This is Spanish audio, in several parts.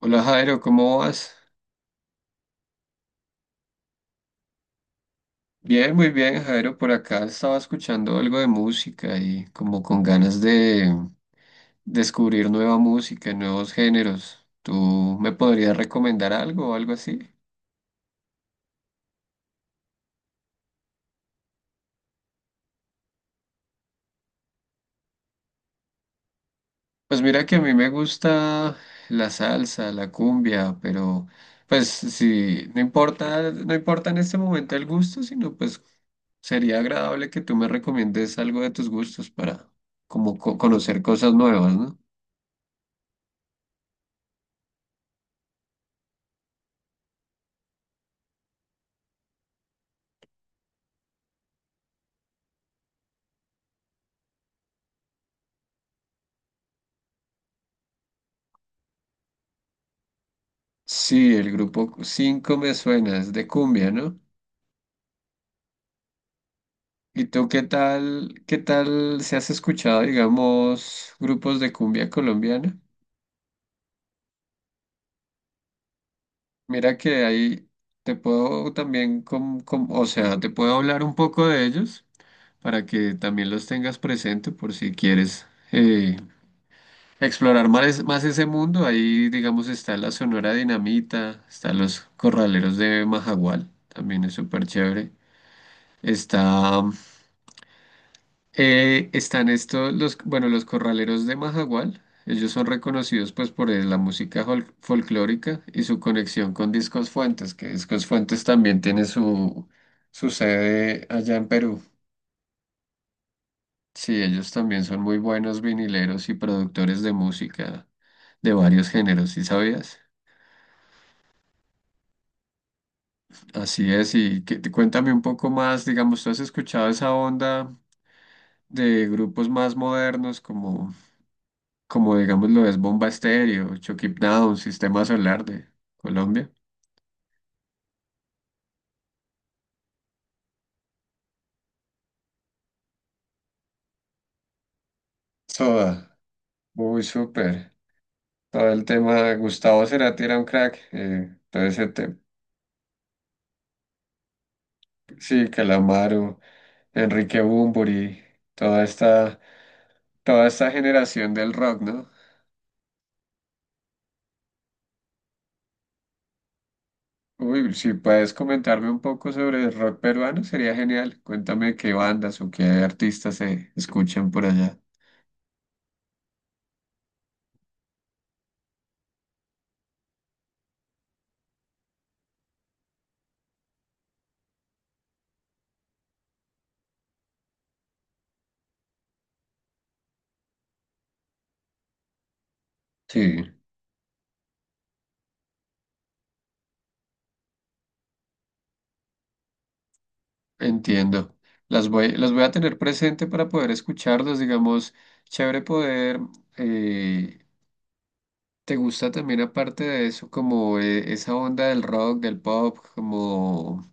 Hola Jairo, ¿cómo vas? Bien, muy bien Jairo, por acá estaba escuchando algo de música y como con ganas de descubrir nueva música, nuevos géneros. ¿Tú me podrías recomendar algo o algo así? Pues mira que a mí me gusta la salsa, la cumbia, pero pues sí, no importa, no importa en este momento el gusto, sino pues sería agradable que tú me recomiendes algo de tus gustos para como conocer cosas nuevas, ¿no? Sí, el grupo cinco me suena, es de cumbia, ¿no? ¿Y tú qué tal si has escuchado, digamos, grupos de cumbia colombiana? Mira que ahí te puedo también, o sea, te puedo hablar un poco de ellos para que también los tengas presente por si quieres eh, explorar más ese mundo. Ahí, digamos, está la Sonora Dinamita, está los Corraleros de Majagual, también es súper chévere. Está están bueno, los corraleros de Majagual. Ellos son reconocidos pues por la música folclórica y su conexión con Discos Fuentes, que Discos Fuentes también tiene su sede allá en Perú. Sí, ellos también son muy buenos vinileros y productores de música de varios géneros, ¿sí sabías? Así es, y que, cuéntame un poco más, digamos, ¿tú has escuchado esa onda de grupos más modernos como digamos lo es Bomba Estéreo, Chucky Down, Sistema Solar de Colombia. Soda, muy súper. Todo el tema, Gustavo Cerati era un crack, todo ese tema, sí, Calamaro, Enrique Bunbury, toda esta, toda esta generación del rock, ¿no? Uy, si puedes comentarme un poco sobre el rock peruano, sería genial. Cuéntame qué bandas o qué artistas se escuchan por allá. Sí. Entiendo. Las voy a tener presente para poder escucharlos, digamos, chévere poder. eh, ¿Te gusta también aparte de eso como esa onda del rock, del pop, como,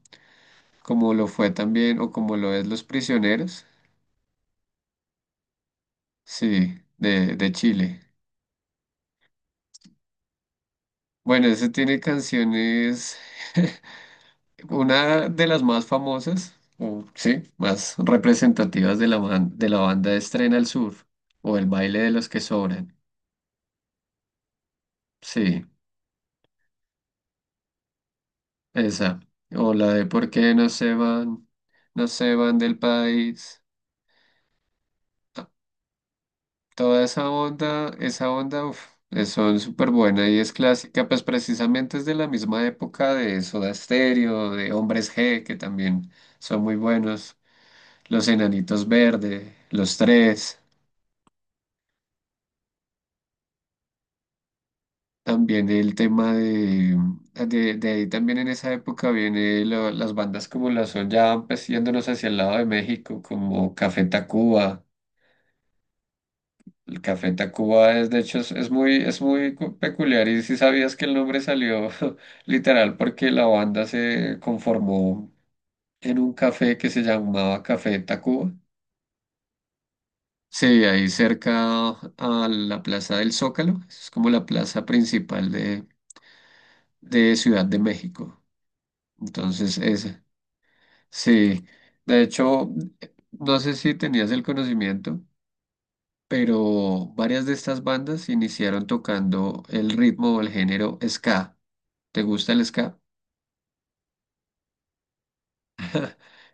como lo fue también o como lo es Los Prisioneros? Sí, de Chile. Bueno, ese tiene canciones, una de las más famosas, o sí, más representativas de la banda Estrena al Sur o El baile de los que sobran. Sí. Esa. O la de por qué no se van, del país. To- Toda esa onda, uf, son súper buena y es clásica, pues precisamente es de la misma época de Soda Stereo, de Hombres G, que también son muy buenos. Los Enanitos Verde, Los Tres. También el tema de ahí también en esa época viene las bandas como las Son Ya, pues yéndonos hacia el lado de México, como Café Tacuba. El Café Tacuba es, de hecho, es muy peculiar y si sabías que el nombre salió literal porque la banda se conformó en un café que se llamaba Café Tacuba. Sí, ahí cerca a la Plaza del Zócalo, es como la plaza principal de Ciudad de México. Entonces, ese, sí, de hecho, no sé si tenías el conocimiento, pero varias de estas bandas iniciaron tocando el ritmo o el género ska. ¿Te gusta el ska?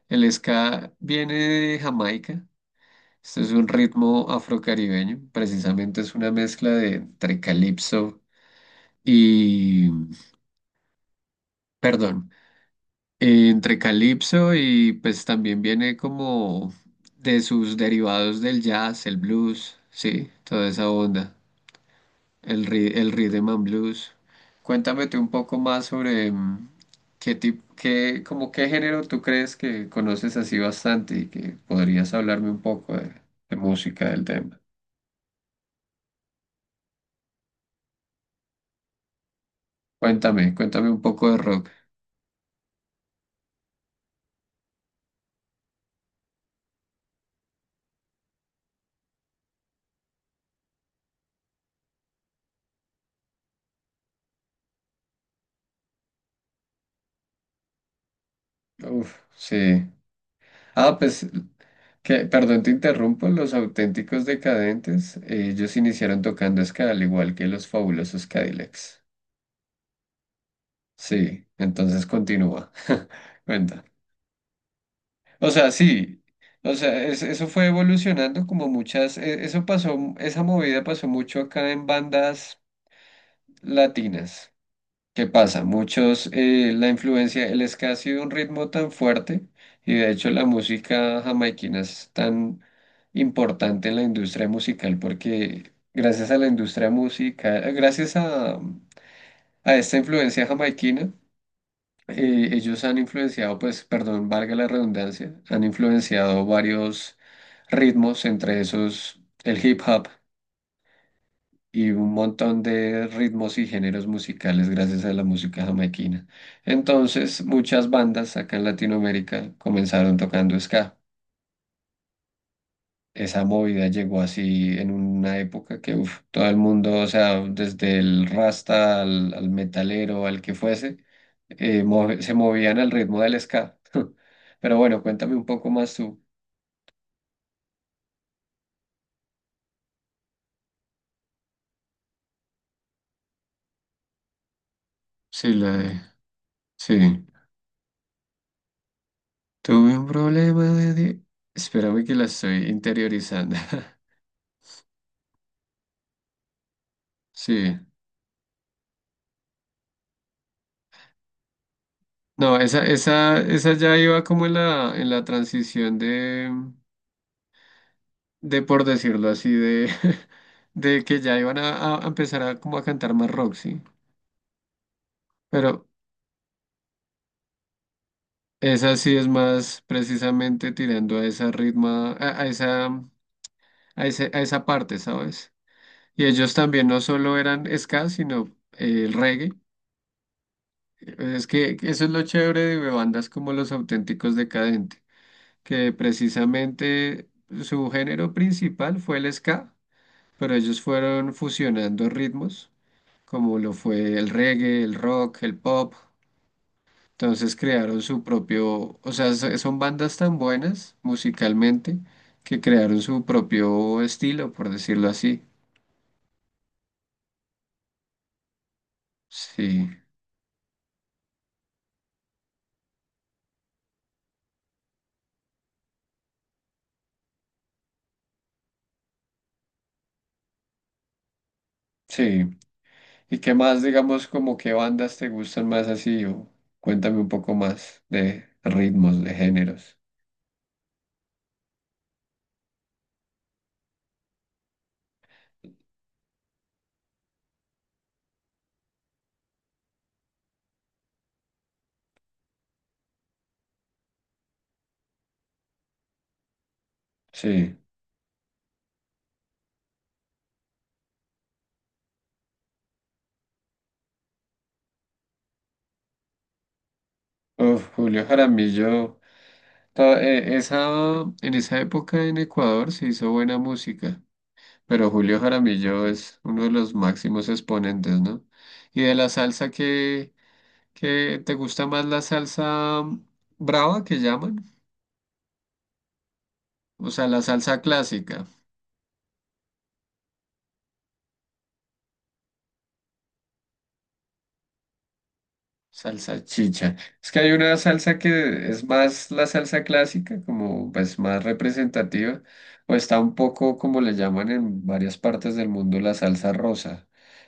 El ska viene de Jamaica. Este es un ritmo afrocaribeño. Precisamente es una mezcla de entre calipso y, perdón, entre calipso y pues también viene como de sus derivados del jazz, el blues, sí, toda esa onda. El Rhythm and Blues. Cuéntame tú un poco más sobre qué tipo, como qué género tú crees que conoces así bastante y que podrías hablarme un poco de música del tema. Cuéntame un poco de rock. Uf, sí. Ah, pues, que, perdón, te interrumpo. Los auténticos decadentes, ellos iniciaron tocando ska, al igual que los fabulosos Cadillacs. Sí, entonces continúa. Cuenta. O sea, sí, o sea, eso fue evolucionando como eso pasó, esa movida pasó mucho acá en bandas latinas. ¿Qué pasa? La influencia, el ska ha sido un ritmo tan fuerte y de hecho la música jamaiquina es tan importante en la industria musical porque gracias a la industria musical, gracias a esta influencia jamaiquina, ellos han influenciado, pues, perdón, valga la redundancia, han influenciado varios ritmos, entre esos el hip hop y un montón de ritmos y géneros musicales gracias a la música jamaiquina. Entonces, muchas bandas acá en Latinoamérica comenzaron tocando ska. Esa movida llegó así en una época que uf, todo el mundo, o sea, desde el rasta al metalero, al que fuese, se movían al ritmo del ska. Pero bueno, cuéntame un poco más tú. Sí, la de. Sí. Tuve un problema de. Espérame que la estoy interiorizando. Sí. No, esa ya iba como en la transición de por decirlo así, de, de que ya iban a empezar a como a cantar más rock, ¿sí? Pero esa sí es más precisamente tirando a esa ritma, a esa parte, ¿sabes? Y ellos también no solo eran ska, sino el reggae. Es que eso es lo chévere de bandas como Los Auténticos Decadentes, que precisamente su género principal fue el ska, pero ellos fueron fusionando ritmos, como lo fue el reggae, el rock, el pop. Entonces crearon su propio, o sea, son bandas tan buenas musicalmente que crearon su propio estilo, por decirlo así. Sí, sí. ¿Y qué más, digamos, como qué bandas te gustan más así? O cuéntame un poco más de ritmos, de géneros. Sí. Uf, Julio Jaramillo. Esa, en esa época en Ecuador se hizo buena música. Pero Julio Jaramillo es uno de los máximos exponentes, ¿no? Y de la salsa que te gusta más la salsa brava que llaman, o sea, la salsa clásica, salsa chicha. Es que hay una salsa que es más la salsa clásica, como pues más representativa, o está un poco como le llaman en varias partes del mundo la salsa rosa,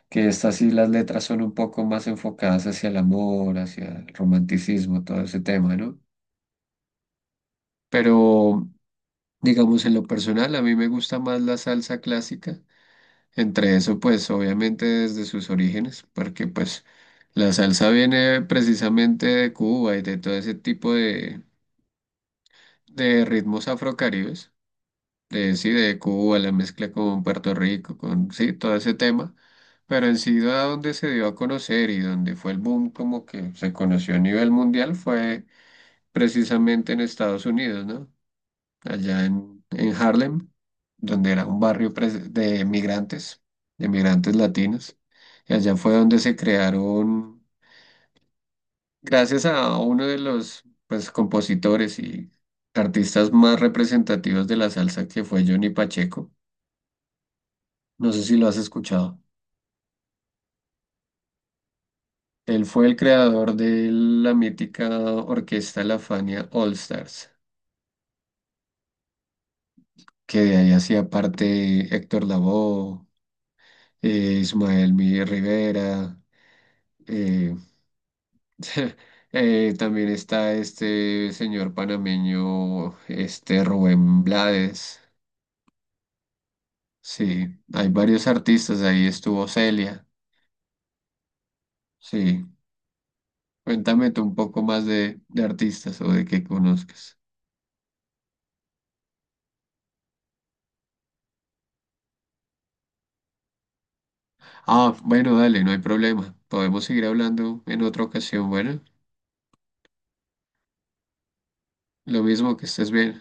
que estas sí las letras son un poco más enfocadas hacia el amor, hacia el romanticismo, todo ese tema, ¿no? Pero, digamos, en lo personal, a mí me gusta más la salsa clásica. Entre eso, pues, obviamente desde sus orígenes, porque, pues, la salsa viene precisamente de Cuba y de todo ese tipo de ritmos afrocaribes. De, sí, de Cuba, la mezcla con Puerto Rico, con, sí, todo ese tema. Pero en sí, a donde se dio a conocer y donde fue el boom, como que se conoció a nivel mundial, fue precisamente en Estados Unidos, ¿no? Allá en Harlem, donde era un barrio de migrantes, latinos. Y allá fue donde se crearon, gracias a uno de los pues, compositores y artistas más representativos de la salsa, que fue Johnny Pacheco. No sé si lo has escuchado. Él fue el creador de la mítica orquesta La Fania All Stars, que de ahí hacía parte Héctor Lavoe, Ismael Mi Rivera, eh, también está este señor panameño, este Rubén Blades. Sí, hay varios artistas, ahí estuvo Celia. Sí, cuéntame tú un poco más de artistas o de que conozcas. Ah, bueno, dale, no hay problema. Podemos seguir hablando en otra ocasión. Bueno, lo mismo que estés bien.